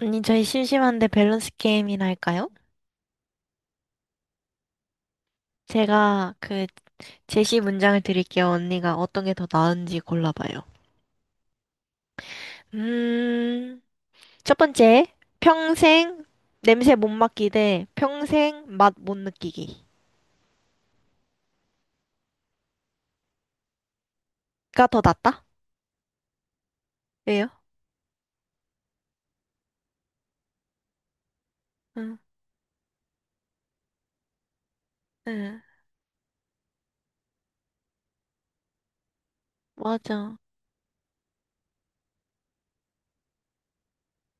언니, 저희 심심한데 밸런스 게임이나 할까요? 제가 그 제시 문장을 드릴게요. 언니가 어떤 게 더 나은지 골라봐요. 음, 첫 번째, 평생 냄새 못 맡기 대 평생 맛 못 느끼기가 더 낫다? 왜요? 응, 응, 맞아.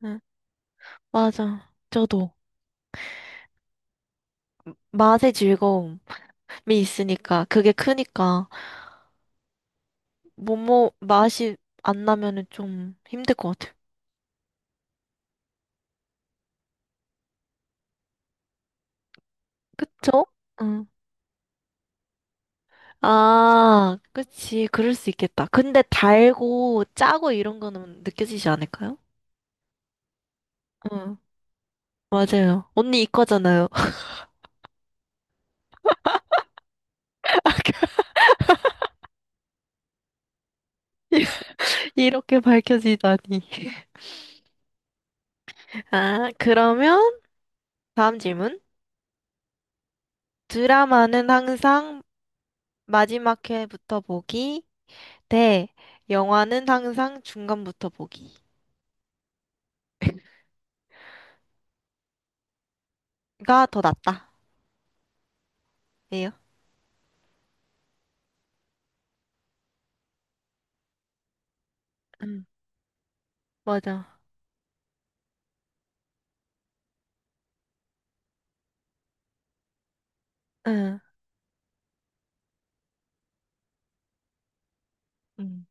응, 맞아. 저도. 맛의 즐거움이 있으니까, 그게 크니까, 뭐뭐 맛이 안 나면은 좀 힘들 것 같아요. 그쵸? 응. 아, 그치. 그럴 수 있겠다. 근데 달고 짜고 이런 거는 느껴지지 않을까요? 응, 맞아요. 언니 이과잖아요. 이렇게 밝혀지다니. 아, 그러면 다음 질문. 드라마는 항상 마지막 회부터 보기 대 영화는 항상 중간부터 보기가 더 낫다. 예요? 응, 맞아. 응. 음.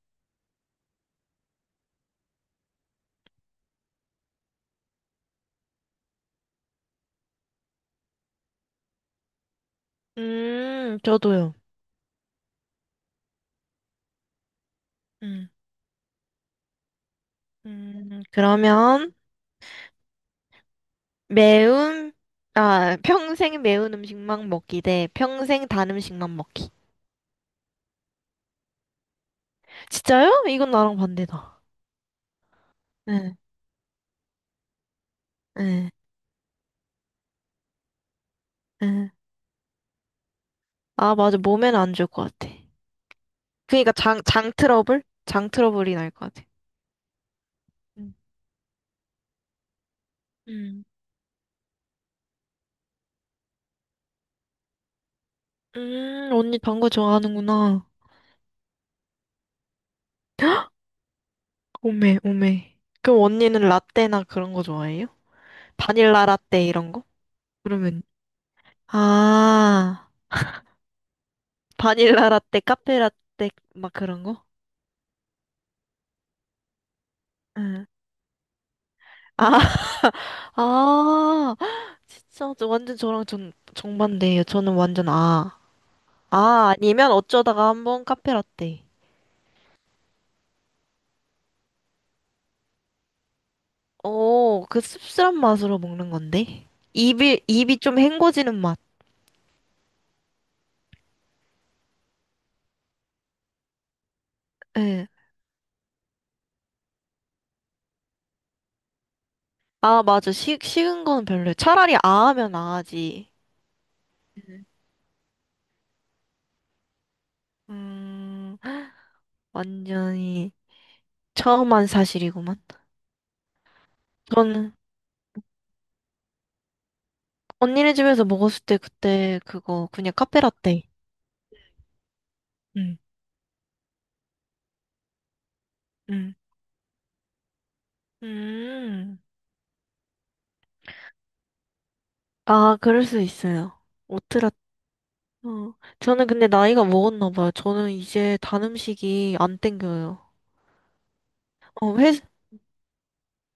저도요. 음. 그러면 매운, 아, 평생 매운 음식만 먹기 대 평생 단 음식만 먹기. 진짜요? 이건 나랑 반대다. 응, 응, 응. 아, 맞아. 몸에는 안 좋을 것 같아. 그니까 장 트러블? 장 트러블이 날 것 같아. 응. 음, 언니 단 거 좋아하는구나. 오메, 오메. 그럼 언니는 라떼나 그런 거 좋아해요? 바닐라 라떼 이런 거? 그러면, 아, 바닐라 라떼, 카페 라떼, 막 그런 거? 응. 아, 아, 진짜 완전 저랑 전 정반대예요. 저는 완전 아. 아, 아니면 어쩌다가 한번 카페라떼. 오, 그 씁쓸한 맛으로 먹는 건데. 입이 좀 헹궈지는 맛. 예. 아, 맞아. 식은 건 별로예요. 차라리 아 하면 아지. 음, 완전히 처음한 사실이구만. 저는 언니네 집에서 먹었을 때 그때 그거 그냥 카페라떼. 응 음. 음. 아, 그럴 수 있어요. 오트라, 어. 저는 근데 나이가 먹었나 봐요. 저는 이제 단 음식이 안 땡겨요. 어, 회,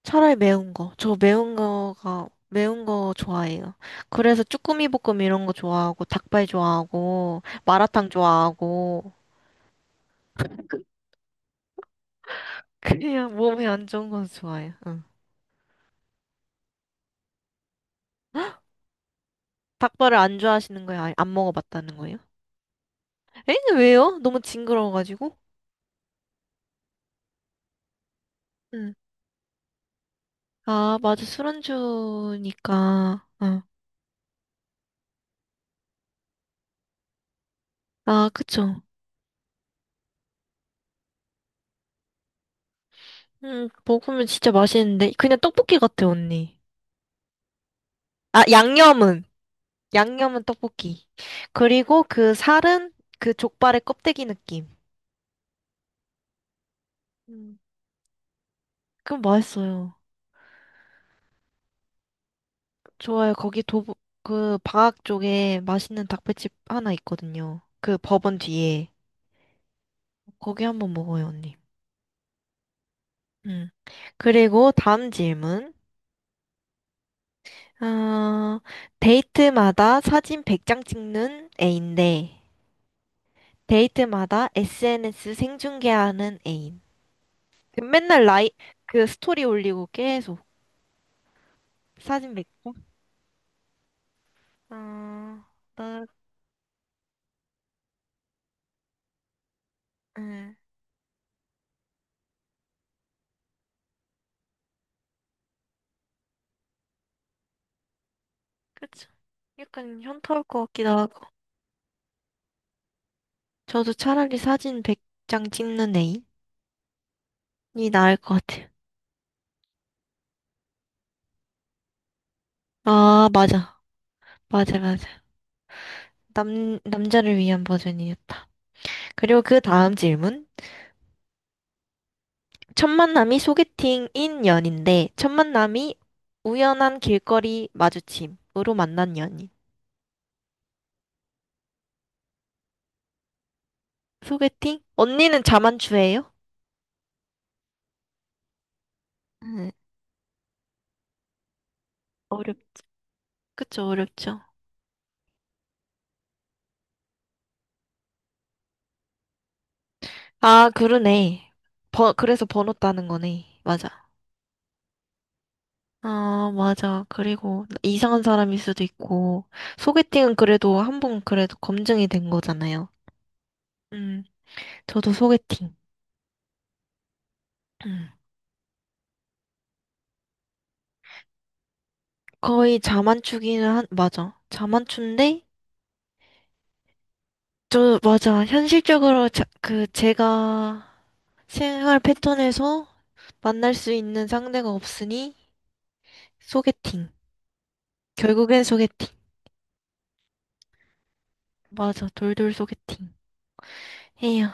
차라리 매운 거. 저 매운 거가, 매운 거 좋아해요. 그래서 쭈꾸미 볶음 이런 거 좋아하고, 닭발 좋아하고, 마라탕 좋아하고, 그냥 몸에 안 좋은 건 좋아해요. 응. 닭발을 안 좋아하시는 거예요? 아니, 안 먹어봤다는 거예요? 에? 왜요? 너무 징그러워가지고? 응. 아, 맞아. 술 안주니까. 응. 아, 그쵸. 먹으면 진짜 맛있는데. 그냥 떡볶이 같아, 언니. 아, 양념은. 양념은 떡볶이. 그리고 그 살은 그 족발의 껍데기 느낌. 음, 그럼 맛있어요. 좋아요. 거기 도보, 그 방학 쪽에 맛있는 닭발집 하나 있거든요. 그 법원 뒤에. 거기 한번 먹어요, 언니. 음. 그리고 다음 질문. 어, 데이트마다 사진 100장 찍는 애인데, 데이트마다 SNS 생중계하는 애인. 맨날 라이, 그 스토리 올리고 계속 사진 맺고. 아, 나, 예, 그쵸. 약간 현타 올 것 같기도 하고. 저도 차라리 사진 100장 찍는 애인이 나을 것 같아요. 아, 맞아. 맞아, 맞아. 남자를 위한 버전이었다. 그리고 그 다음 질문. 첫 만남이 소개팅인 연인데, 첫 만남이 우연한 길거리 마주침으로 만난 연인. 소개팅? 언니는 자만추예요? 네. 어렵. 그쵸, 어렵죠. 아, 그러네. 그래서 번호 따는 거네. 맞아. 아, 맞아. 그리고 이상한 사람일 수도 있고, 소개팅은 그래도 한 번 그래도 검증이 된 거잖아요. 음, 저도 소개팅. 음. 거의 자만추기는 한, 맞아. 자만추인데, 저, 맞아. 현실적으로 자, 그, 제가 생활 패턴에서 만날 수 있는 상대가 없으니, 소개팅. 결국엔 소개팅. 맞아. 돌돌 소개팅. 에휴,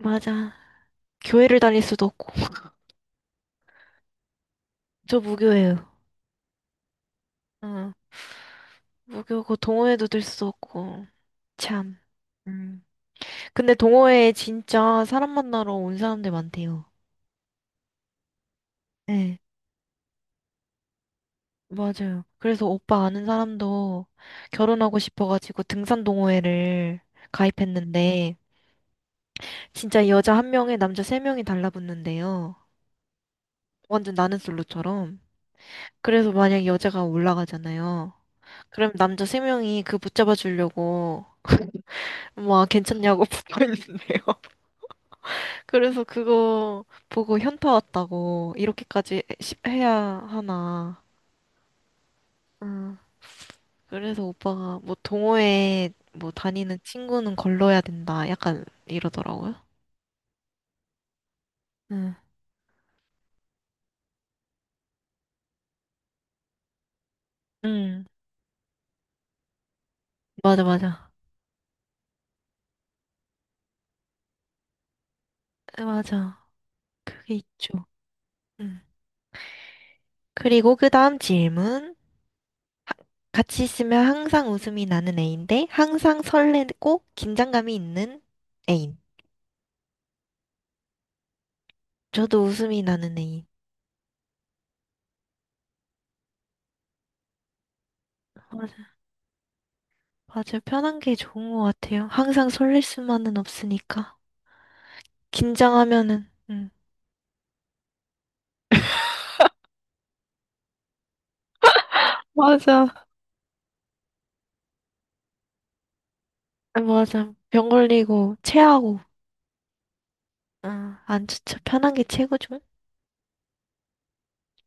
맞아. 교회를 다닐 수도 없고. 저 무교예요. 응 무교고 동호회도 들 수도 없고. 참. 음. 근데 동호회에 진짜 사람 만나러 온 사람들 많대요. 네, 맞아요. 그래서 오빠 아는 사람도 결혼하고 싶어가지고 등산 동호회를 가입했는데, 진짜 여자 한 명에 남자 세 명이 달라붙는데요. 완전 나는 솔로처럼. 그래서 만약 여자가 올라가잖아요. 그럼 남자 세 명이 그 붙잡아 주려고 막 괜찮냐고 붙어 있는데요. 그래서 그거 보고 현타 왔다고 이렇게까지 시- 해야 하나. 응. 그래서 오빠가 뭐 동호회 뭐 다니는 친구는 걸러야 된다. 약간 이러더라고요. 응. 응. 맞아, 맞아. 에, 맞아. 그게 있죠. 응. 그리고 그 다음 질문. 같이 있으면 항상 웃음이 나는 애인데 항상 설레고 긴장감이 있는 애인. 저도 웃음이 나는 애인. 맞아요. 편한 게 좋은 것 같아요. 항상 설렐 수만은 없으니까. 긴장하면은, 맞아. 아, 맞아. 병 걸리고, 체하고. 아, 안 좋죠. 편한 게 최고죠.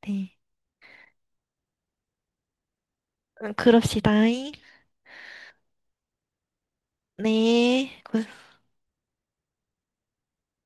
네. 그럽시다. 네. 고